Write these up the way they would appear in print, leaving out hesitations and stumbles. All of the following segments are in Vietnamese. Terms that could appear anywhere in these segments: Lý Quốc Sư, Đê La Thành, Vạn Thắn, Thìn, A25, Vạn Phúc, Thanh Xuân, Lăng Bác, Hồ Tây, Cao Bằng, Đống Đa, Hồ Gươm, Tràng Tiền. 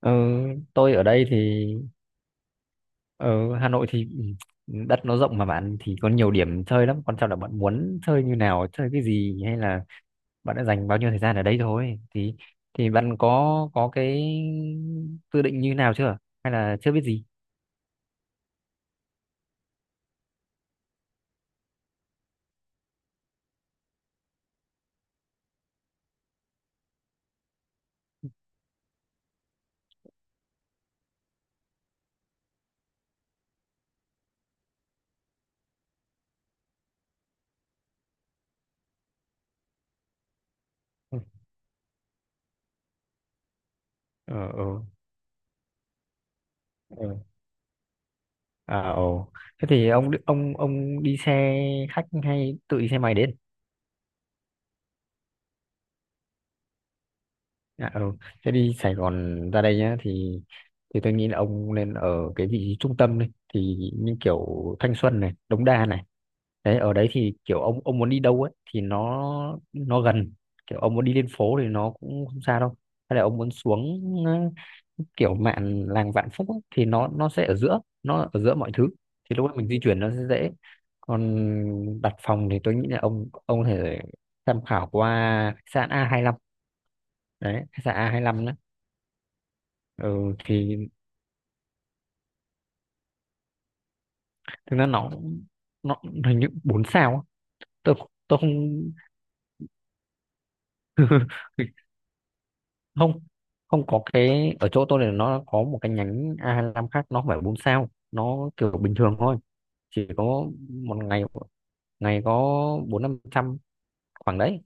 Ờ, tôi ở đây thì ở Hà Nội thì đất nó rộng mà bạn thì có nhiều điểm chơi lắm, quan trọng là bạn muốn chơi như nào, chơi cái gì, hay là bạn đã dành bao nhiêu thời gian ở đây thôi. Thì bạn có cái dự định như nào chưa, hay là chưa biết gì? Ừ ừ ừ ừ. à ồ Thế thì ông đi xe khách hay tự đi xe máy đến? Dạ, ừ. Thế đi Sài Gòn ra đây nhá thì tôi nghĩ là ông nên ở cái vị trí trung tâm đi, thì như kiểu Thanh Xuân này, Đống Đa này. Đấy, ở đấy thì kiểu ông muốn đi đâu ấy thì nó gần. Kiểu ông muốn đi lên phố thì nó cũng không xa đâu. Hay là ông muốn xuống kiểu mạn làng Vạn Phúc ấy, thì nó sẽ ở giữa, nó ở giữa mọi thứ. Thì lúc đó mình di chuyển nó sẽ dễ. Còn đặt phòng thì tôi nghĩ là ông có thể tham khảo qua khách sạn a hai lăm, đấy khách sạn A25. Ừ, thì thực ra nó hình như bốn sao á. tôi tôi không không. Không có, cái ở chỗ tôi này nó có một cái nhánh A25 hai lăm khác, nó không phải bốn sao, nó kiểu bình thường thôi, chỉ có một ngày, ngày có bốn năm trăm, khoảng đấy.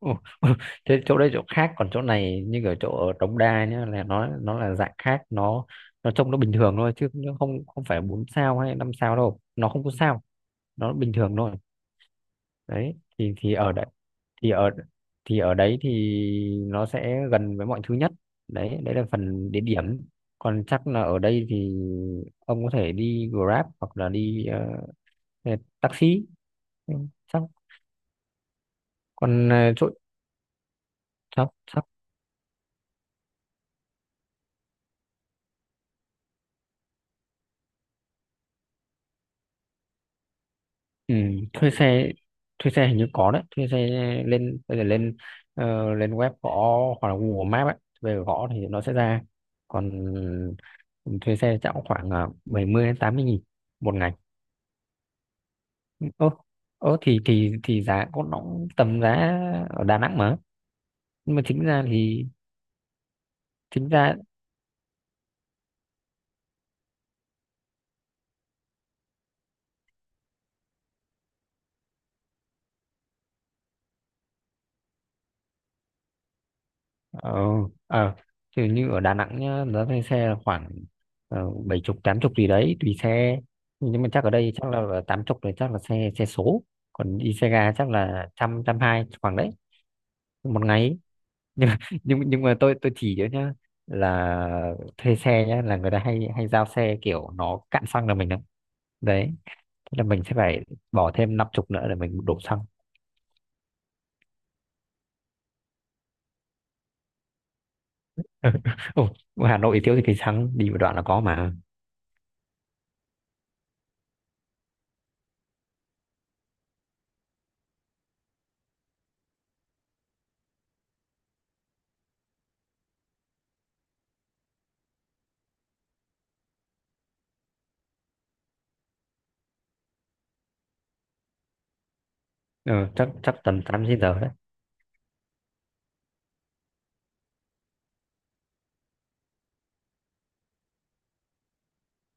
Ừ. Thế chỗ đây chỗ khác, còn chỗ này như ở chỗ ở Đống Đa nhá, là nó là dạng khác, nó trông nó bình thường thôi, chứ nó không, không phải bốn sao hay năm sao đâu, nó không có sao, nó bình thường thôi. Đấy thì ở đấy, thì ở thì ở đấy thì nó sẽ gần với mọi thứ nhất. Đấy đấy là phần địa điểm. Còn chắc là ở đây thì ông có thể đi Grab hoặc là đi taxi. Ừ, chắc còn chỗ chắc chắc ừ, thuê xe. Thuê xe hình như có đấy. Thuê xe, lên bây giờ lên lên web gõ hoặc là Google Maps ấy về gõ thì nó sẽ ra. Còn ừ, thuê xe chắc cũng khoảng 70 đến 80 nghìn một ngày. Ô ô thì giá có nó cũng tầm giá ở Đà Nẵng mà. Nhưng mà chính ra thì chính ra ờ ờ thì như ở Đà Nẵng nhá, giá thuê xe là khoảng bảy chục tám chục gì đấy, tùy xe. Nhưng mà chắc ở đây chắc là tám chục rồi, chắc là xe, xe số. Còn đi xe ga chắc là trăm, trăm hai khoảng đấy, một ngày ấy. Nhưng mà- nhưng nhưng mà tôi chỉ cho nhá là thuê xe nhá, là người ta hay hay giao xe kiểu nó cạn xăng là mình đấy đấy. Thế là mình sẽ phải bỏ thêm năm chục nữa để mình đổ xăng. Ồ, Hà Nội thiếu thì cái xăng đi một đoạn là có mà. Ừ, chắc chắc tầm tám chín giờ đấy.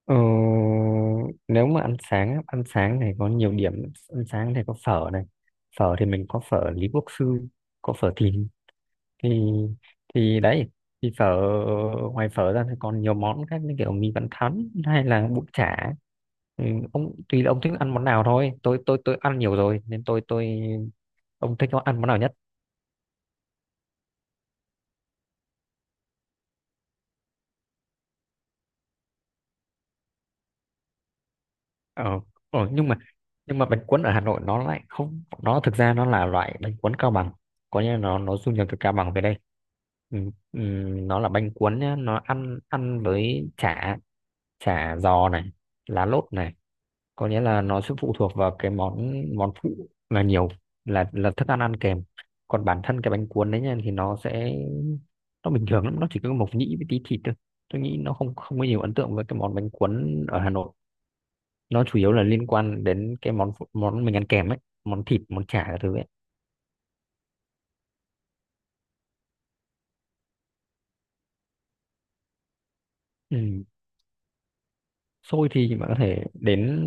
Ừ, nếu mà ăn sáng á, ăn sáng này có nhiều điểm, ăn sáng này có phở này, phở thì mình có phở Lý Quốc Sư, có phở Thìn, thì thì đấy. Thì phở, ngoài phở ra thì còn nhiều món khác như kiểu mì Vạn Thắn hay là bún chả. Ừ, ông tùy là ông thích ăn món nào thôi, tôi ăn nhiều rồi nên tôi ông thích ăn món nào nhất? ờ, nhưng mà bánh cuốn ở Hà Nội nó lại không, nó thực ra nó là loại bánh cuốn Cao Bằng, có nghĩa là nó du nhập từ Cao Bằng về đây. ừ, ừ, nó là bánh cuốn nhá, nó ăn ăn với chả, chả giò này, lá lốt này, có nghĩa là nó sẽ phụ thuộc vào cái món món phụ là nhiều, là thức ăn, ăn kèm. Còn bản thân cái bánh cuốn đấy nha thì nó sẽ, nó bình thường lắm, nó chỉ có mộc nhĩ với tí thịt thôi. Tôi nghĩ nó không, không có nhiều ấn tượng với cái món bánh cuốn ở Hà Nội, nó chủ yếu là liên quan đến cái món phụ- món mình ăn kèm ấy, món thịt món chả các thứ ấy. Ừ. Xôi thì bạn có thể đến,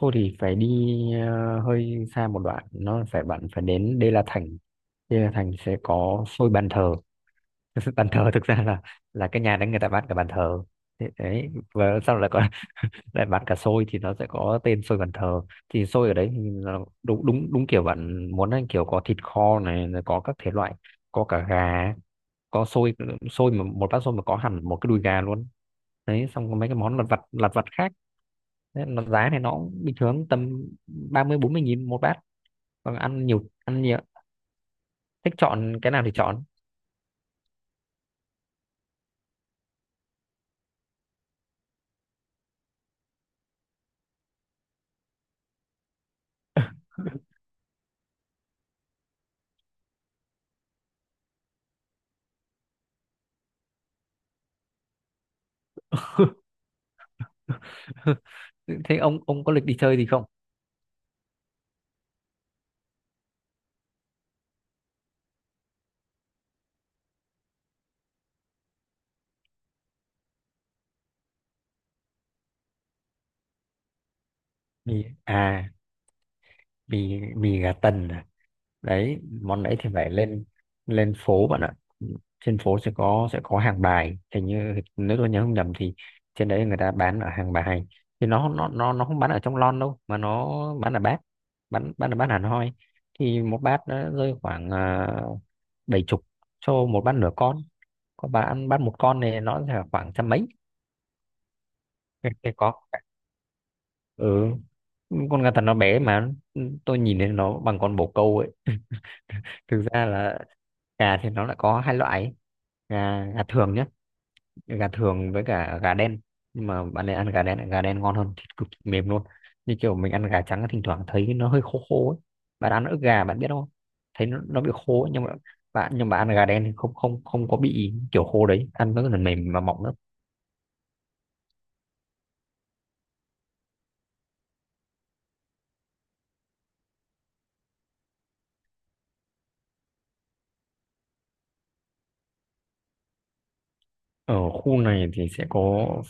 xôi thì phải đi hơi xa một đoạn, nó phải bạn phải đến Đê La Thành. Đê La Thành sẽ có xôi bàn thờ. Bàn thờ thực ra là cái nhà đấy người ta bán cả bàn thờ, thế đấy, và sau lại còn lại bán cả xôi, thì nó sẽ có tên xôi bàn thờ. Thì xôi ở đấy thì là đúng đúng đúng kiểu bạn muốn ấy, kiểu có thịt kho này rồi có các thể loại, có cả gà, có xôi. Xôi mà một bát xôi mà có hẳn một cái đùi gà luôn. Đấy, xong có mấy cái món lặt vặt khác. Thế nó giá này nó cũng bình thường tầm 30 bốn mươi nghìn một bát. Còn ăn nhiều, ăn nhiều, thích chọn cái nào thì chọn. Thế ông có lịch đi chơi gì không? Ừ. À, mì mì gà tần à. Đấy, món đấy thì phải lên, lên phố bạn ạ. Trên phố sẽ có, sẽ có hàng bài, hình như nếu tôi nhớ không nhầm thì trên đấy người ta bán ở hàng bài. Thì nó không bán ở trong lon đâu mà nó bán ở bát, bán ở bát hẳn hoi. Thì một bát nó rơi khoảng uh, bảy chục cho một bát nửa con, có bán bát một con này nó là khoảng trăm mấy. Cái có ừ, con gà tần nó bé mà, tôi nhìn thấy nó bằng con bồ câu ấy. Thực ra là gà thì nó lại có hai loại, gà, gà thường nhé, gà thường với cả gà đen. Nhưng mà bạn nên ăn gà đen, gà đen ngon hơn, thịt cực kỳ mềm luôn. Như kiểu mình ăn gà trắng thỉnh thoảng thấy nó hơi khô khô ấy, bạn ăn ức gà bạn biết không, thấy nó bị khô ấy, nhưng mà bạn, nhưng mà ăn gà đen thì không, không có bị kiểu khô đấy, ăn rất là mềm và mọng lắm. Ở khu này thì sẽ có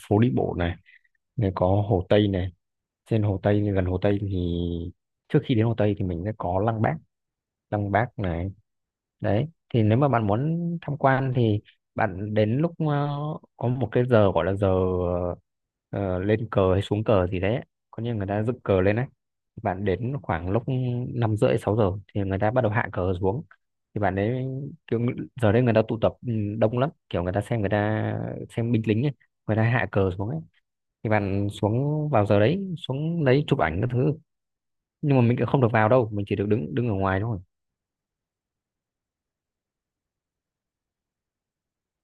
phố đi bộ này, này có hồ Tây này. Trên hồ Tây, gần hồ Tây thì, trước khi đến hồ Tây thì mình sẽ có Lăng Bác, Lăng Bác này. Đấy, thì nếu mà bạn muốn tham quan thì bạn đến lúc có một cái giờ gọi là giờ ờ, lên cờ hay xuống cờ gì đấy, có như người ta dựng cờ lên đấy. Bạn đến khoảng lúc năm rưỡi sáu giờ thì người ta bắt đầu hạ cờ xuống, thì bạn đấy, kiểu ng- giờ đấy người ta tụ tập đông lắm, kiểu người ta xem, người ta xem binh lính ấy, người ta hạ cờ xuống ấy. Thì bạn xuống vào giờ đấy, xuống lấy chụp ảnh các thứ, nhưng mà mình cũng không được vào đâu, mình chỉ được đứng đứng ở ngoài thôi.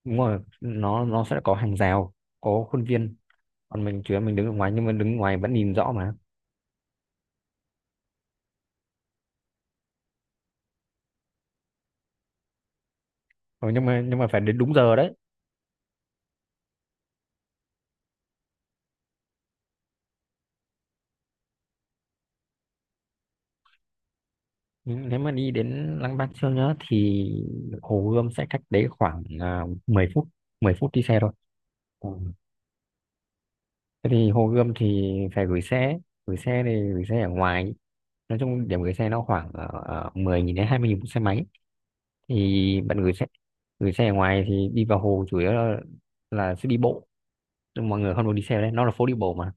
Đúng rồi, nó sẽ có hàng rào, có khuôn viên. Còn mình chỉ là mình đứng ở ngoài, nhưng mà đứng ngoài vẫn nhìn rõ mà. Ừ, nhưng mà phải đến đúng giờ đấy. Nhưng nếu mà đi đến Lăng Bác Chương nhá thì Hồ Gươm sẽ cách đấy khoảng à, 10 phút, 10 phút đi xe thôi. Ừ. Thế thì Hồ Gươm thì phải gửi xe, gửi xe thì gửi xe ở ngoài, nói chung điểm gửi xe nó khoảng 10.000 đến 20.000 một xe máy. Thì bạn gửi xe, gửi xe ở ngoài thì đi vào hồ chủ yếu là sẽ đi bộ. Nhưng mọi người không được đi xe đấy, nó là phố đi bộ mà.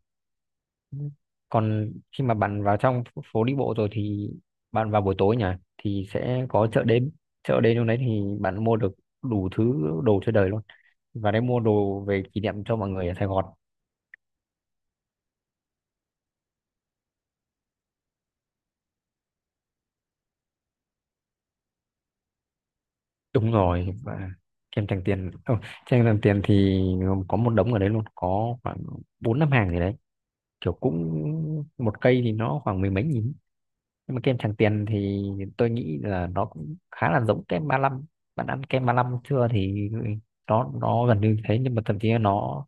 Còn khi mà bạn vào trong phố đi bộ rồi thì, bạn vào buổi tối nhỉ, thì sẽ có chợ đêm. Chợ đêm trong đấy thì bạn mua được đủ thứ, đồ chơi đời luôn, và đấy mua đồ về kỷ niệm cho mọi người ở Sài Gòn. Đúng rồi, và kem Tràng Tiền, ừ, kem Tràng Tiền thì có một đống ở đấy luôn, có khoảng bốn năm hàng gì đấy, kiểu cũng một cây thì nó khoảng 10 mấy nghìn. Nhưng mà kem Tràng Tiền thì tôi nghĩ là nó cũng khá là giống kem ba lăm. Bạn ăn kem ba lăm chưa thì nó gần như thế, nhưng mà thậm chí là nó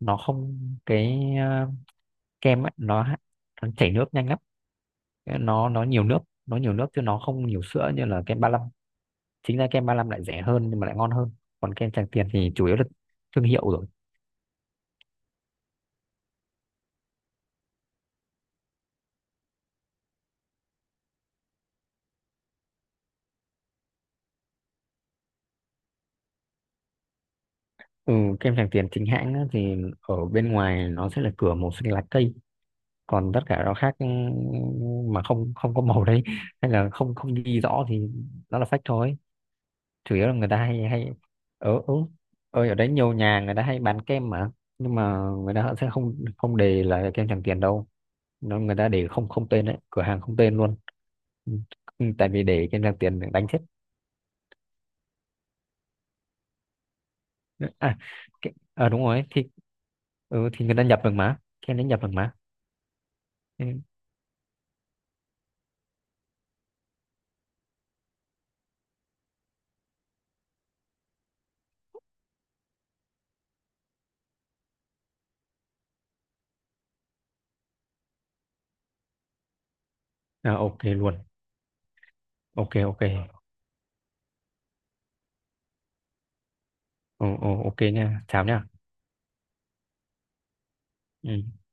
nó không, cái kem ấy nó chảy nước nhanh lắm, nó nhiều nước, nó nhiều nước chứ nó không nhiều sữa như là kem ba lăm. Chính ra kem ba lăm lại rẻ hơn nhưng mà lại ngon hơn. Còn kem Tràng Tiền thì chủ yếu là thương hiệu rồi. Ừ, kem Tràng Tiền chính hãng á thì ở bên ngoài nó sẽ là cửa màu xanh lá cây, còn tất cả rau khác ừ, mà không, không có màu đấy, hay là không, không ghi rõ thì nó là fake thôi. Chủ yếu là người ta hay hay ở ừ, ơi ở đấy nhiều nhà người ta hay bán kem mà, nhưng mà người ta sẽ không, không đề là kem Tràng Tiền đâu, nó người ta để không, không tên đấy, cửa hàng không tên luôn. Ừ, ừ, tại vì để kem Tràng Tiền đánh chết. À, cái, à đúng rồi thì ừ, thì người ta nhập được mà, kem đấy nhập được mà. Ừ. À, ok luôn. Ok ok. Ừ, ừ, ok nha, chào nha. Ừ.